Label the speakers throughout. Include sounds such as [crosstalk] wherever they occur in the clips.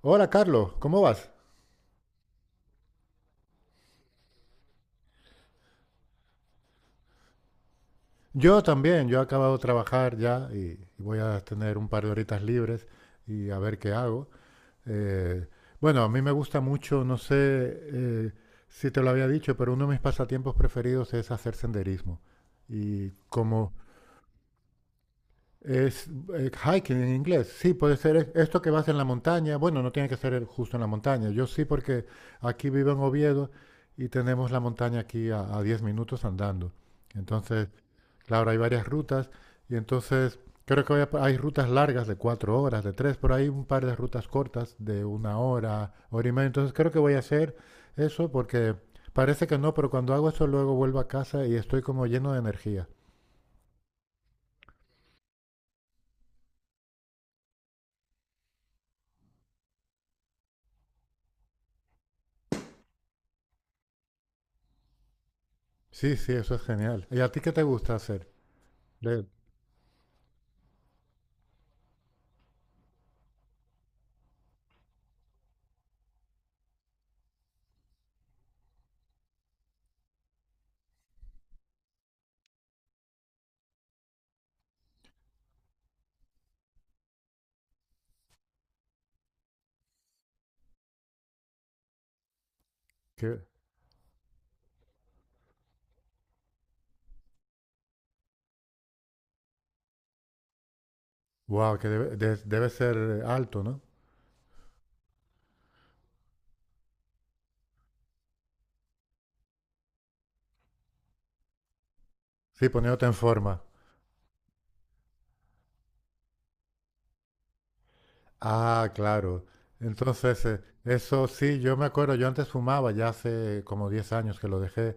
Speaker 1: Hola Carlos, ¿cómo vas? Yo también, yo he acabado de trabajar ya y voy a tener un par de horitas libres y a ver qué hago. Eh, bueno, a mí me gusta mucho, no sé, si te lo había dicho, pero uno de mis pasatiempos preferidos es hacer senderismo. Y como es hiking en inglés, sí, puede ser esto que vas en la montaña, bueno, no tiene que ser justo en la montaña, yo sí porque aquí vivo en Oviedo y tenemos la montaña aquí a 10 minutos andando. Entonces... Claro, hay varias rutas y entonces creo que voy, hay rutas largas de cuatro horas, de tres, pero hay un par de rutas cortas de una hora, hora y media. Entonces creo que voy a hacer eso porque parece que no, pero cuando hago eso luego vuelvo a casa y estoy como lleno de energía. Sí, sí, eso es genial. ¿Y a ti qué te gusta hacer? De, que, wow, que debe, debe ser alto, ¿no? Sí, poniéndote en forma. Ah, claro. Entonces, eso sí, yo me acuerdo, yo antes fumaba, ya hace como 10 años que lo dejé.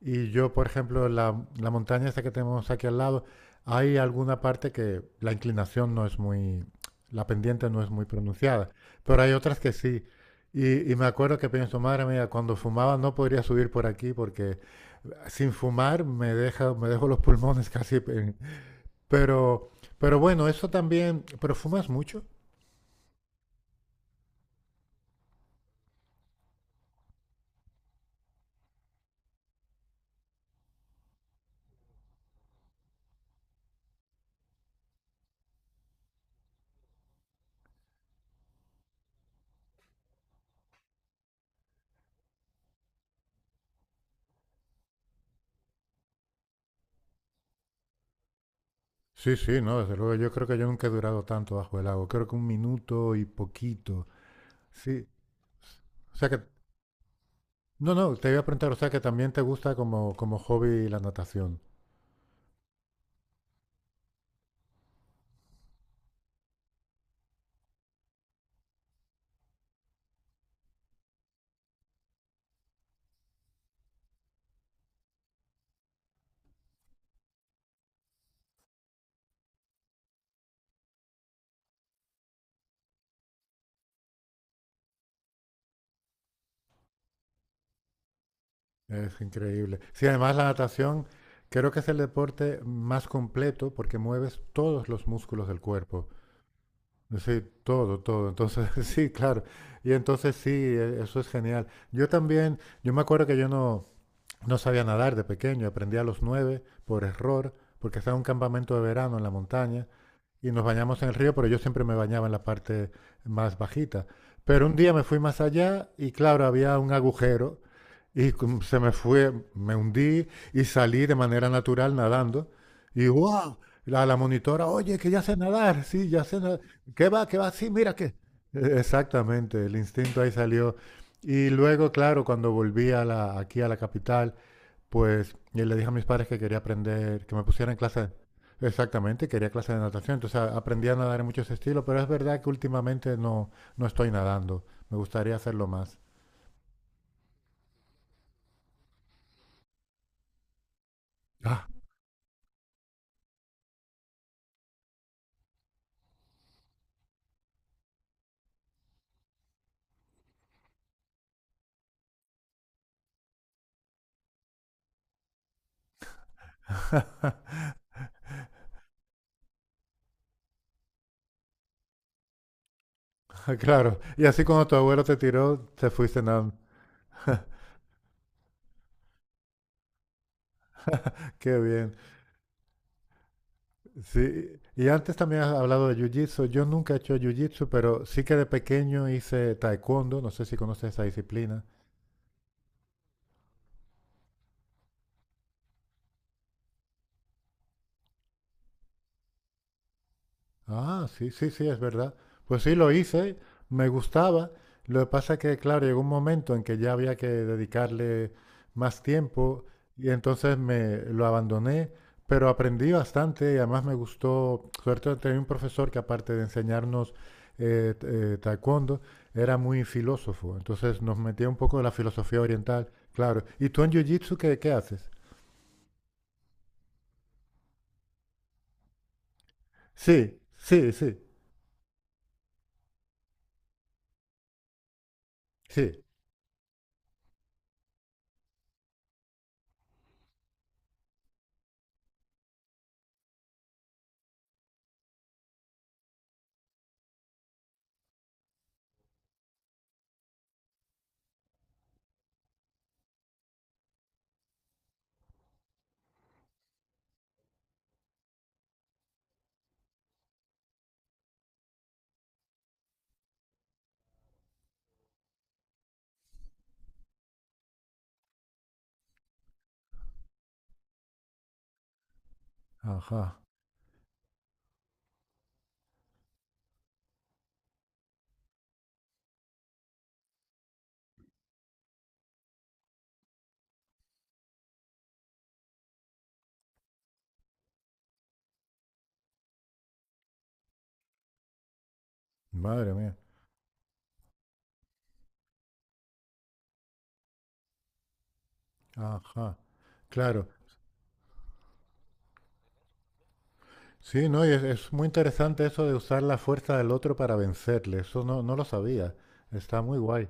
Speaker 1: Y yo, por ejemplo, la montaña esta que tenemos aquí al lado, hay alguna parte que la inclinación no es muy, la pendiente no es muy pronunciada, pero hay otras que sí. Y me acuerdo que pienso, madre mía, cuando fumaba no podría subir por aquí porque sin fumar me deja, me dejo los pulmones [laughs] casi. Pero, pero bueno, eso también. ¿Pero fumas mucho? Sí, sí, no, desde luego. Yo creo que yo nunca he durado tanto bajo el agua. Creo que un minuto y poquito. Sí. O sea que no, no, te iba a preguntar, o sea, que también te gusta como, como hobby la natación. Es increíble. Sí, además la natación creo que es el deporte más completo porque mueves todos los músculos del cuerpo. Sí, todo, todo. Entonces, [laughs] sí, claro. Y entonces sí, eso es genial. Yo también, yo me acuerdo que yo no, no sabía nadar de pequeño. Aprendí a los nueve por error, porque estaba en un campamento de verano en la montaña y nos bañamos en el río, pero yo siempre me bañaba en la parte más bajita. Pero un día me fui más allá y claro, había un agujero y se me fue, me hundí y salí de manera natural nadando. Y wow, la monitora, oye, que ya sé nadar, sí, ya sé nadar. ¿Qué va? ¿Qué va? Sí, mira que... Exactamente, el instinto ahí salió. Y luego, claro, cuando volví a la, aquí a la capital, pues yo le dije a mis padres que quería aprender, que me pusieran en clase. Exactamente, quería clase de natación. Entonces aprendí a nadar en muchos estilos, pero es verdad que últimamente no, no estoy nadando. Me gustaría hacerlo más. Ah, [laughs] claro. Y así cuando tu abuelo te tiró, te fuiste nadando. Qué bien. Sí. Y antes también has hablado de jiu-jitsu. Yo nunca he hecho jiu-jitsu, pero sí que de pequeño hice taekwondo. No sé si conoces esa disciplina. Ah, sí, sí, sí, es verdad. Pues sí, lo hice, me gustaba. Lo que pasa que, claro, llegó un momento en que ya había que dedicarle más tiempo y entonces me lo abandoné, pero aprendí bastante y además me gustó. Suerte tenía un profesor que aparte de enseñarnos taekwondo, era muy filósofo. Entonces nos metía un poco de la filosofía oriental, claro. ¿Y tú en jiu-jitsu qué, qué haces? Sí, sí, sí, sí. Ajá, madre mía. Ajá, claro. Sí, no, y es muy interesante eso de usar la fuerza del otro para vencerle. Eso no, no lo sabía. Está muy guay.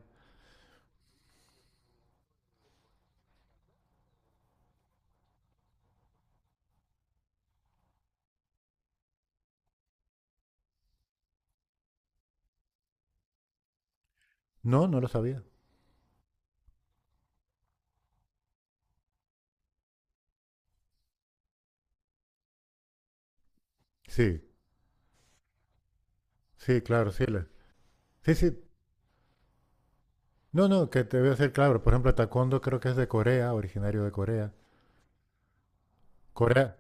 Speaker 1: No, no lo sabía. Sí, sí, claro, sí. Sí, sí. No, no, que te voy a decir claro. Por ejemplo, el taekwondo creo que es de Corea, originario de Corea. Corea,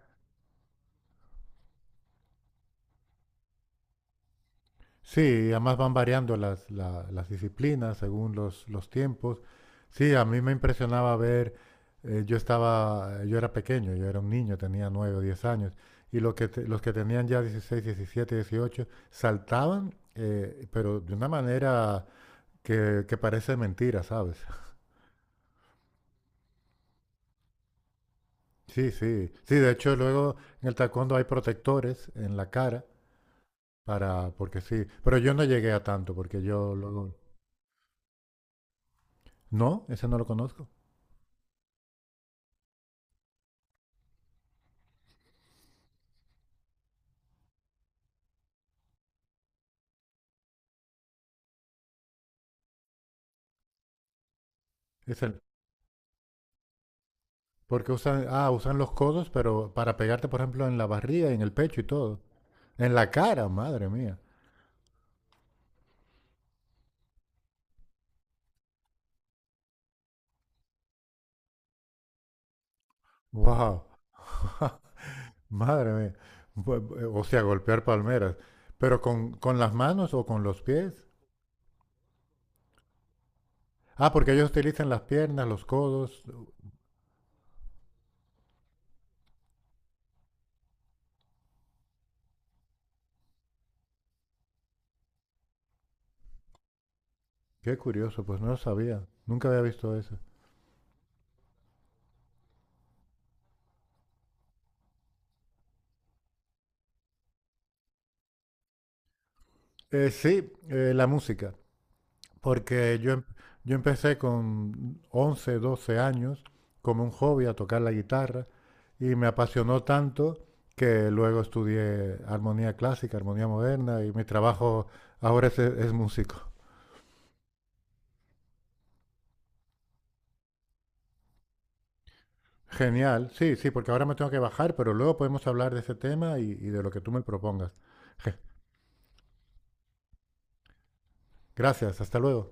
Speaker 1: sí, además van variando las, las disciplinas según los tiempos. Sí, a mí me impresionaba ver, yo estaba, yo era pequeño, yo era un niño, tenía 9 o diez años, y los que, los que tenían ya 16, 17, 18 saltaban, pero de una manera que parece mentira, ¿sabes? [laughs] Sí, sí, sí, de hecho luego en el taekwondo hay protectores en la cara para, porque sí, pero yo no llegué a tanto, porque yo luego, no, ese no lo conozco. Es el porque usan, ah, usan los codos, pero para pegarte, por ejemplo, en la barriga, en el pecho y todo. En la cara, madre mía. Wow. [laughs] Madre mía. O sea, golpear palmeras. Pero con las manos o con los pies. Ah, porque ellos utilizan las piernas, los codos. Qué curioso, pues no lo sabía. Nunca había visto eso. Sí, la música. Porque yo, yo empecé con 11 12 años como un hobby a tocar la guitarra. Y me apasionó tanto que luego estudié armonía clásica, armonía moderna y mi trabajo ahora es músico. Genial, sí, sí, porque ahora me tengo que bajar, pero luego podemos hablar de ese tema y de lo que tú me propongas. Je, gracias, hasta luego.